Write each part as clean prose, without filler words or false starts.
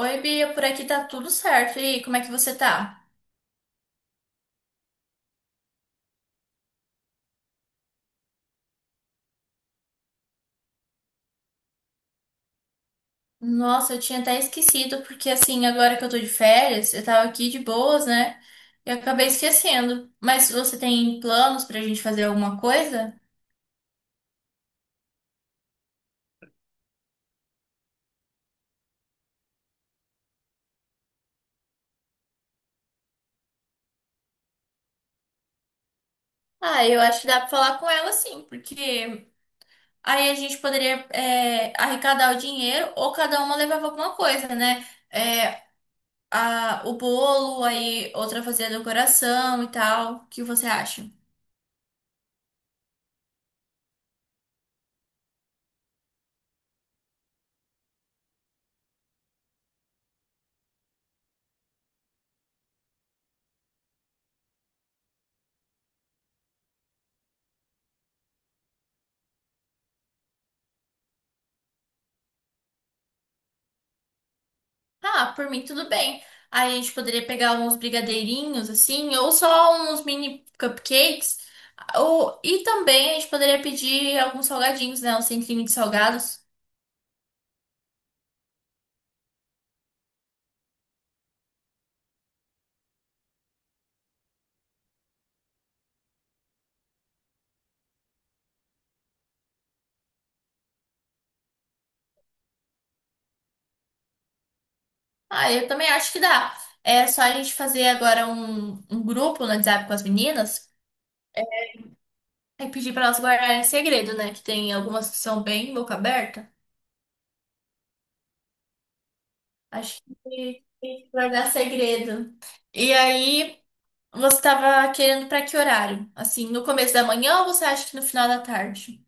Oi, Bia, por aqui tá tudo certo. E aí, como é que você tá? Nossa, eu tinha até esquecido, porque assim, agora que eu tô de férias, eu tava aqui de boas, né? E eu acabei esquecendo. Mas você tem planos pra gente fazer alguma coisa? Ah, eu acho que dá pra falar com ela sim, porque aí a gente poderia arrecadar o dinheiro ou cada uma levava alguma coisa, né? É, o bolo, aí outra fazia a decoração e tal. O que você acha? Ah, por mim tudo bem. Aí a gente poderia pegar uns brigadeirinhos assim, ou só uns mini cupcakes. Ou, e também a gente poderia pedir alguns salgadinhos, né? Um centrinho de salgados. Ah, eu também acho que dá. É só a gente fazer agora um grupo no WhatsApp com as meninas e pedir para elas guardarem segredo, né? Que tem algumas que são bem boca aberta. Acho que tem que guardar segredo. E aí, você estava querendo para que horário? Assim, no começo da manhã ou você acha que no final da tarde?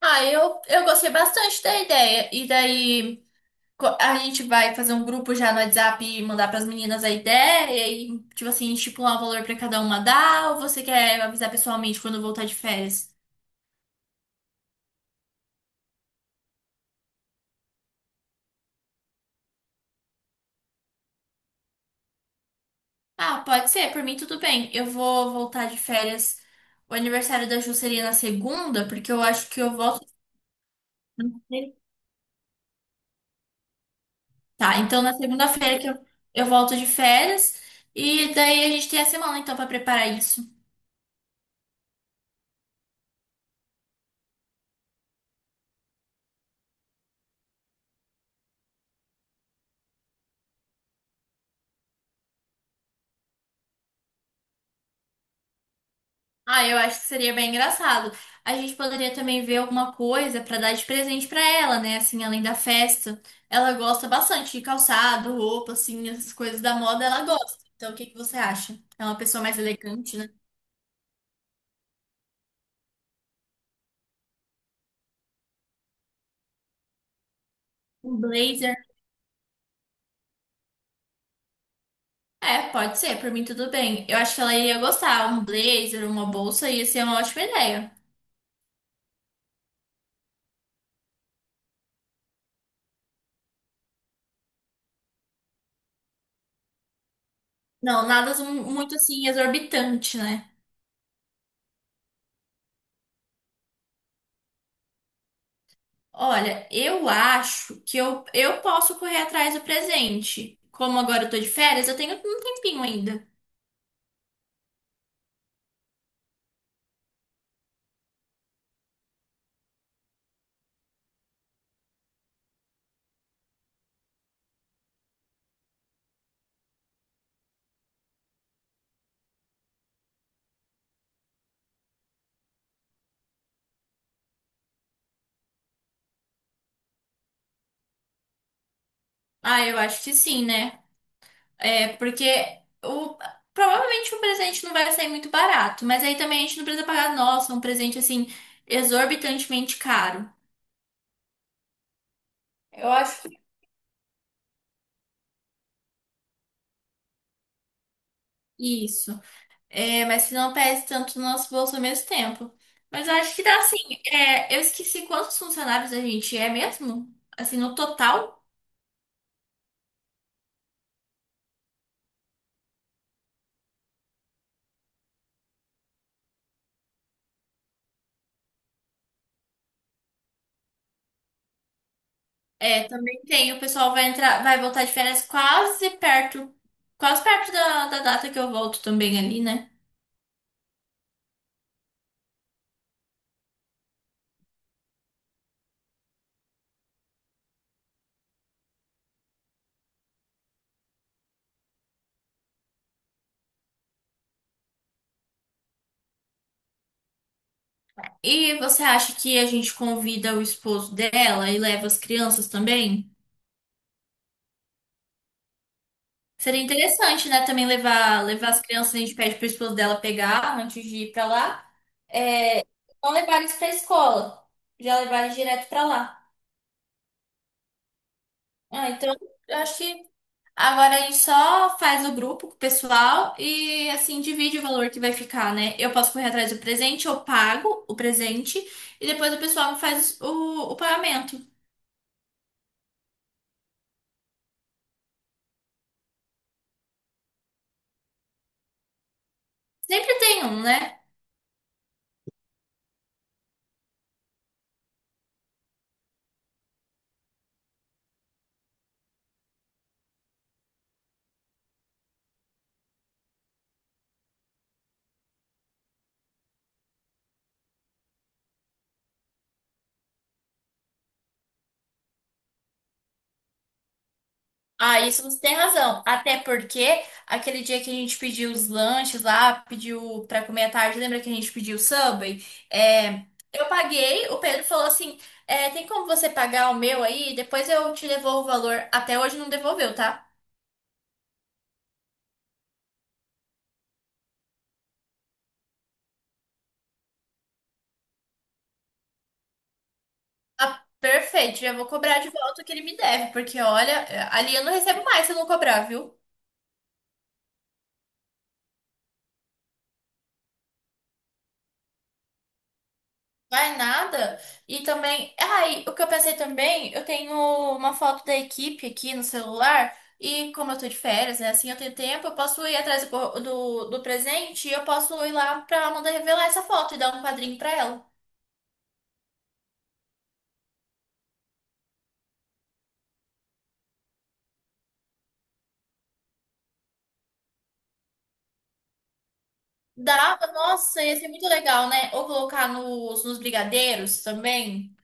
Ah, eu gostei bastante da ideia. E daí a gente vai fazer um grupo já no WhatsApp e mandar para as meninas a ideia e, tipo assim, estipular um valor para cada uma dar? Ou você quer avisar pessoalmente quando voltar de férias? Ah, pode ser, por mim tudo bem. Eu vou voltar de férias. O aniversário da Ju seria na segunda, porque eu acho que eu volto. Tá, então na segunda-feira que eu volto de férias e daí a gente tem a semana então pra preparar isso. Ah, eu acho que seria bem engraçado. A gente poderia também ver alguma coisa pra dar de presente pra ela, né? Assim, além da festa. Ela gosta bastante de calçado, roupa, assim, essas coisas da moda ela gosta. Então o que que você acha? É uma pessoa mais elegante, né? Um blazer. É, pode ser, por mim tudo bem. Eu acho que ela iria gostar. Um blazer, uma bolsa ia ser uma ótima ideia. Não, nada mu- muito assim exorbitante, né? Olha, eu acho que eu posso correr atrás do presente. Como agora eu tô de férias, eu tenho um tempinho ainda. Ah, eu acho que sim, né? É, porque o, provavelmente o presente não vai sair muito barato, mas aí também a gente não precisa pagar, nossa, um presente assim, exorbitantemente caro. Eu acho que isso. É, mas que não pese tanto no nosso bolso ao mesmo tempo. Mas eu acho que dá assim. É, eu esqueci quantos funcionários a gente é mesmo? Assim, no total. É, também tem. O pessoal vai entrar, vai voltar de férias quase perto da data que eu volto também ali, né? E você acha que a gente convida o esposo dela e leva as crianças também? Seria interessante, né? Também levar as crianças, a gente pede pro esposo dela pegar antes de ir pra lá. É, não levar eles pra escola, já levar eles direto pra lá. Ah, então eu acho que agora a gente só faz o grupo com o pessoal e assim divide o valor que vai ficar, né? Eu posso correr atrás do presente, eu pago o presente e depois o pessoal faz o pagamento. Sempre tem um, né? Ah, isso você tem razão. Até porque aquele dia que a gente pediu os lanches lá, pediu pra comer à tarde, lembra que a gente pediu o Subway? É, eu paguei, o Pedro falou assim: é, tem como você pagar o meu aí? Depois eu te devolvo o valor. Até hoje não devolveu, tá? Ah, perfeito, já vou cobrar de volta o que ele me deve, porque olha, é, ali eu não recebo mais se eu não cobrar, viu? Vai nada. E também, ai, o que eu pensei também, eu tenho uma foto da equipe aqui no celular, e como eu tô de férias, né, assim eu tenho tempo, eu posso ir atrás do presente e eu posso ir lá pra Amanda revelar essa foto e dar um quadrinho pra ela. Dá, nossa, ia ser muito legal, né? Ou colocar nos brigadeiros também.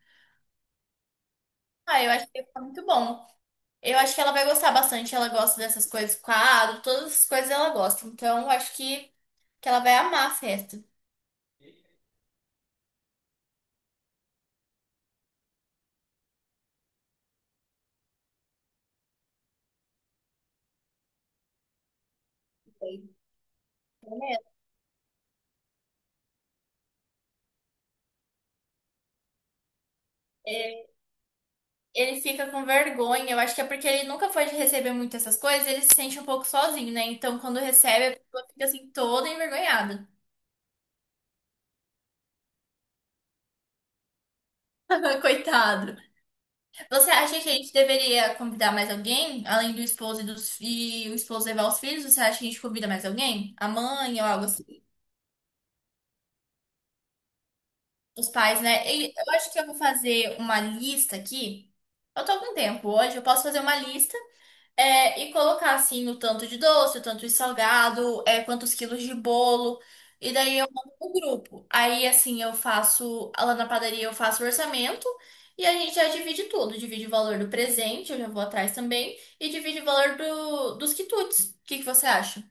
Ah, eu acho que ia ficar muito bom. Eu acho que ela vai gostar bastante. Ela gosta dessas coisas, quadro, todas as coisas ela gosta. Então, eu acho que ela vai amar a festa. É, ele fica com vergonha. Eu acho que é porque ele nunca foi de receber muito essas coisas. Ele se sente um pouco sozinho, né? Então, quando recebe, a pessoa fica assim toda envergonhada. Coitado. Você acha que a gente deveria convidar mais alguém, além do esposo e o esposo levar os filhos? Você acha que a gente convida mais alguém? A mãe ou algo assim? Os pais, né? E eu acho que eu vou fazer uma lista aqui. Eu tô com tempo hoje, eu posso fazer uma lista e colocar assim o tanto de doce, o tanto de salgado, é, quantos quilos de bolo. E daí eu mando pro grupo. Aí assim eu faço, lá na padaria eu faço o orçamento e a gente já divide tudo. Divide o valor do presente, eu já vou atrás também, e divide o valor dos quitutes. O que que você acha?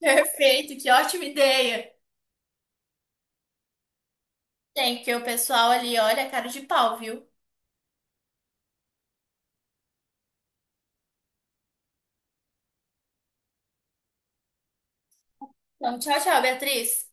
Perfeito, que ótima ideia. Tem, porque o pessoal ali olha a cara de pau, viu? Então, tchau, tchau, Beatriz.